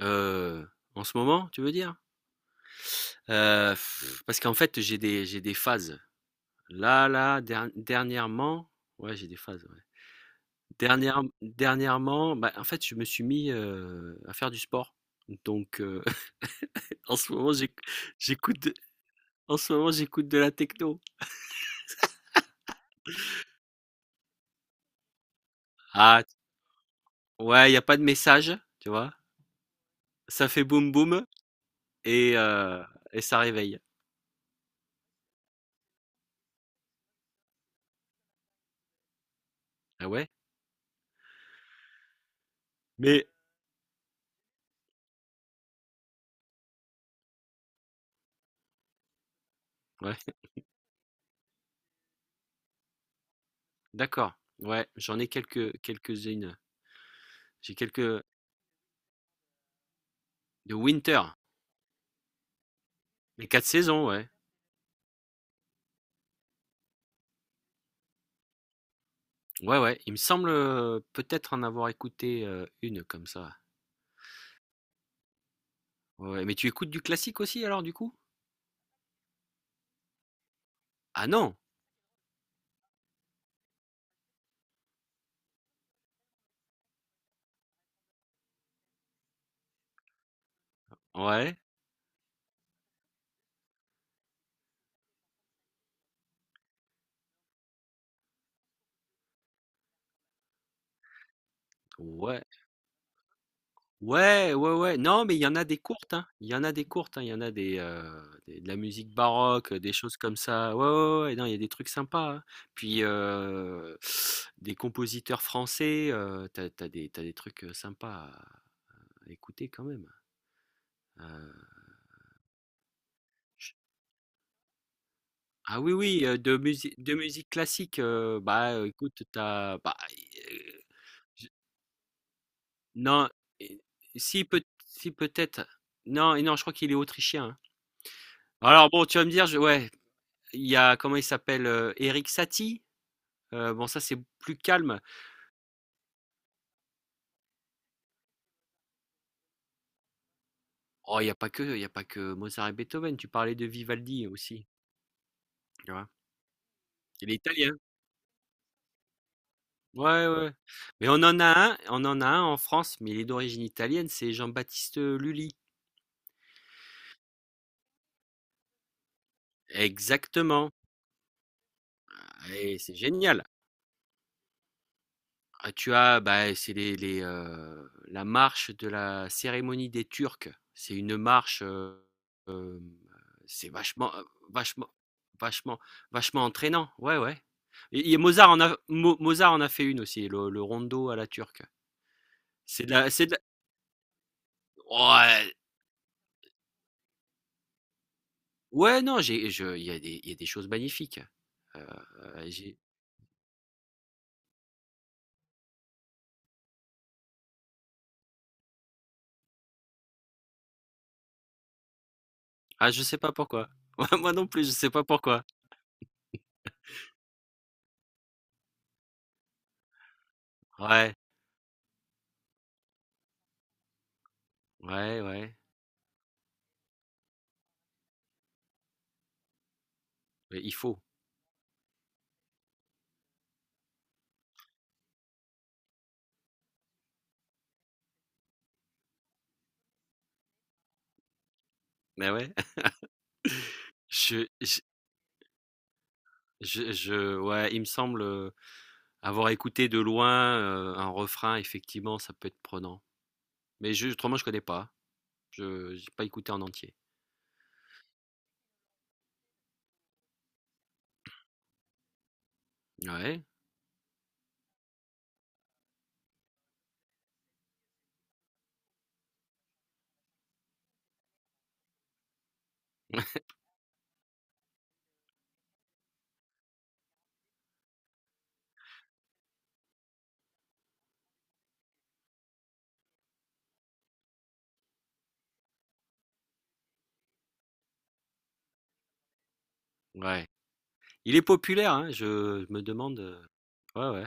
Heu, En ce moment, tu veux dire? Heu, Parce qu'en fait, j'ai des phases. Là, dernièrement, ouais, j'ai des phases, ouais. Dernièrement, bah, en fait, je me suis mis, à faire du sport. Donc, en ce moment, j'écoute de en ce moment, j'écoute de la techno. Ah ouais, il y a pas de message, tu vois? Ça fait boum boum et heu et ça réveille. Ah ouais? Mais ouais, d'accord. Ouais, j'en ai quelques-unes. J'ai quelques de Winter. Les 4 saisons, ouais. Ouais, ouais. Il me semble, peut-être en avoir écouté, 1 comme ça. Ouais, ouais. Mais tu écoutes du classique aussi alors du coup? Ah non? Ouais. Ouais. Ouais, ouais, ouais. Non, mais il y en a des courtes, hein. Il y en a des courtes, hein. Il y en a des de la musique baroque, des choses comme ça. Ouais, ouais, ouais. Ouais. Non, il y a des trucs sympas, hein. Puis, des compositeurs français, t'as as des t'as des trucs, sympas à écouter quand même, hein. Ah oui, oui, de musique classique, écoute, t'as heu, je non, et si peut-être. Non et non, je crois qu'il est autrichien, hein. Alors bon, tu vas me dire, je ouais, il y a comment il s'appelle, Erik Satie, bon ça c'est plus calme. Oh, il y a pas que il y a pas que Mozart et Beethoven, tu parlais de Vivaldi aussi, tu vois? Il est italien. Ouais, ouais, ouais. Mais on en a un en France, mais il est d'origine italienne, c'est Jean-Baptiste Lully. Exactement. Ah, et c'est génial. Ah, tu as, bah, c'est la marche de la cérémonie des Turcs. C'est une marche, euh, c'est vachement, vachement, vachement, vachement entraînant. Ouais, ouais. Et Mozart en a, Mozart en a fait une aussi, le rondo à la turque. C'est de la, c'est de ouais, ouais, non, il y a des choses magnifiques. Euh, euh, j'ai- ah, je sais pas pourquoi. Ouais, moi non plus, je sais pas pourquoi. Ouais, ouais, ouais. Mais il faut. Mais ouais. Je, ouais, il me semble, avoir écouté de loin, un refrain, effectivement, ça peut être prenant. Mais autrement, je connais pas. Je n'ai pas écouté en entier. Ouais, ouais. Il est populaire, hein, je me demande. Ouais, ouais.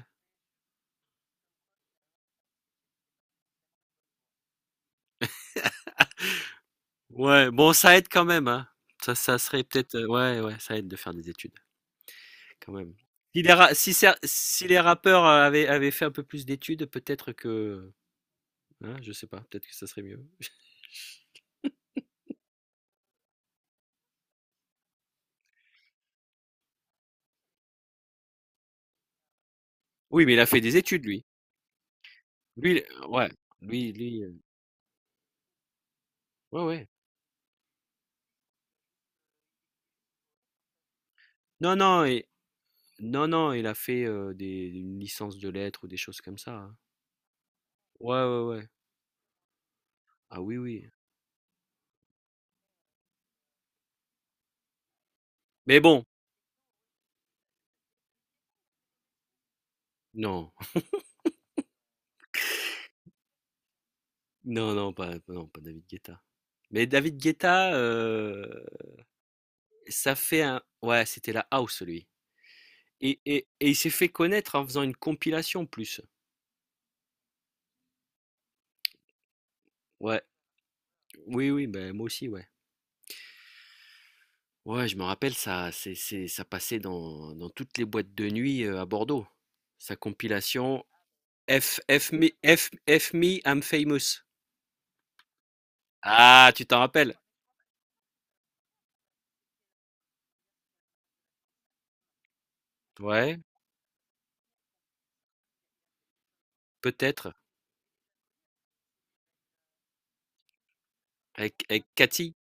Ouais, bon, ça aide quand même, hein. Ça serait peut-être. Ouais, ouais, ça aide de faire des études, quand même. Si les, ra- si, cer- Si les rappeurs, avaient fait un peu plus d'études, peut-être que. Hein, je sais pas, peut-être que ça serait mieux. Oui, mais il a fait des études, lui. Ouais. Lui, lui, Ouais, ouais. Non, non, et... non, non, il a fait une licence de lettres ou des choses comme ça, hein. Ouais, ouais, ouais. Ah oui, oui. Mais bon, non, non, non, pas, non, pas David Guetta. Mais David Guetta, ça fait un... Ouais, c'était la house, lui. Et il s'est fait connaître en faisant une compilation plus. Ouais, oui, oui, ben moi aussi, ouais. Ouais, je me rappelle, ça, c'est, ça passait dans toutes les boîtes de nuit, à Bordeaux. Sa compilation, F F me I'm famous. Ah, tu t'en rappelles? Ouais, peut-être. Avec Cathy.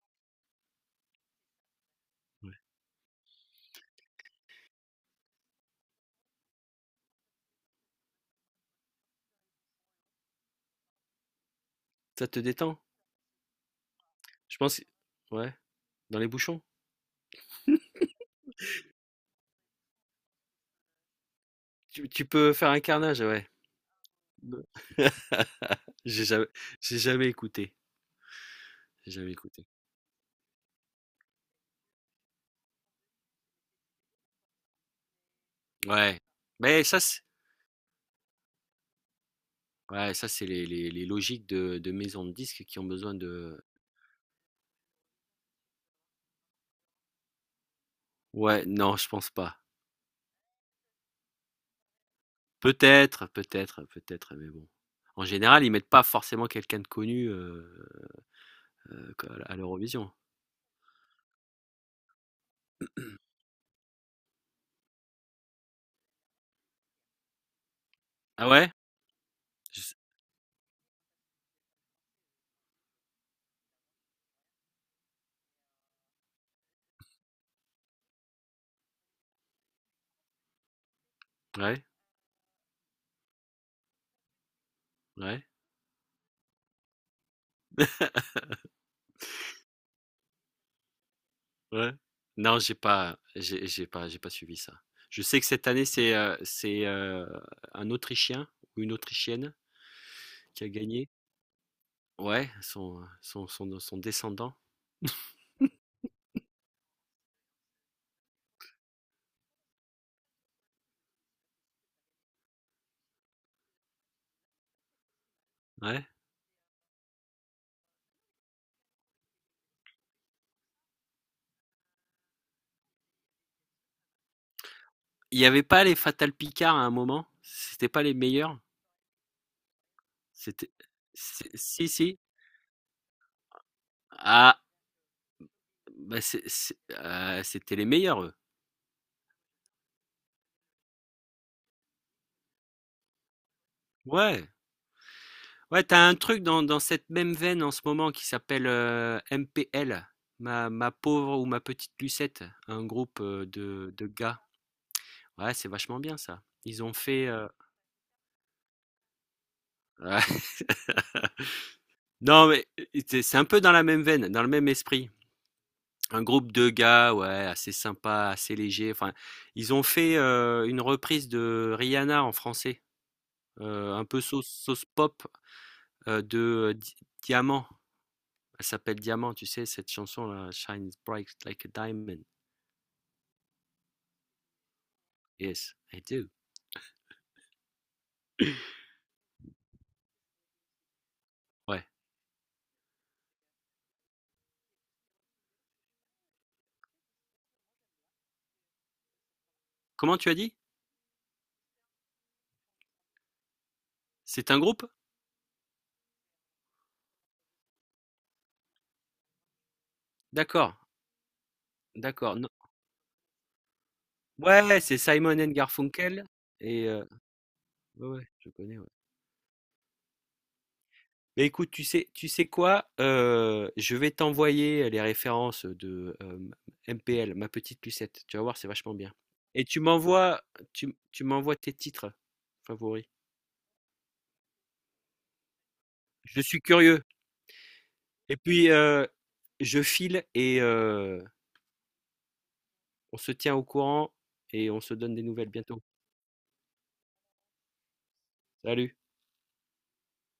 Ouais. Ça te détend? Je pense. Ouais, dans les bouchons. Tu peux faire un carnage, ouais. J'ai jamais, j'ai jamais écouté. J'ai jamais écouté. Ouais. Mais ça, c'est les logiques de maisons de disques qui ont besoin de. Ouais, non, je pense pas. Peut-être, peut-être, peut-être, mais bon. En général, ils mettent pas forcément quelqu'un de connu euh, à l'Eurovision. Ah ouais? Je sais- Ouais, ouais, ouais. Non, j'ai pas suivi ça. Je sais que cette année, c'est, un Autrichien ou une Autrichienne qui a gagné. Ouais, son descendant. Ouais. Il n'y avait pas les Fatal Picard à un moment? C'était pas les meilleurs? C'était. Si, si. Ah, bah c'était les meilleurs, eux. Ouais. Ouais, t'as un truc dans cette même veine en ce moment qui s'appelle, MPL, ma pauvre ou ma petite Lucette, un groupe, de gars. Ouais, c'est vachement bien ça. Ils ont fait. Ouais. Non, mais c'est un peu dans la même veine, dans le même esprit. Un groupe de gars, ouais, assez sympa, assez léger. Enfin, ils ont fait, une reprise de Rihanna en français, un peu sauce pop, euh, de euh, Di- Diamant. Elle s'appelle Diamant, tu sais, cette chanson-là, Shines Bright Like a Diamond. Yes, I do. Ouais. Comment tu as dit? C'est un groupe? D'accord, d'accord. Non. Ouais, c'est Simon and Garfunkel et ouais, ouais, je connais, ouais. Beh, écoute, tu sais quoi? Je vais t'envoyer les références de, MPL, Ma Petite Lucette. Tu vas voir, c'est vachement bien, et tu m'envoies tu tu m'envoies tes titres favoris. Je suis curieux. Et puis, je file, et on se tient au courant et on se donne des nouvelles bientôt. Salut.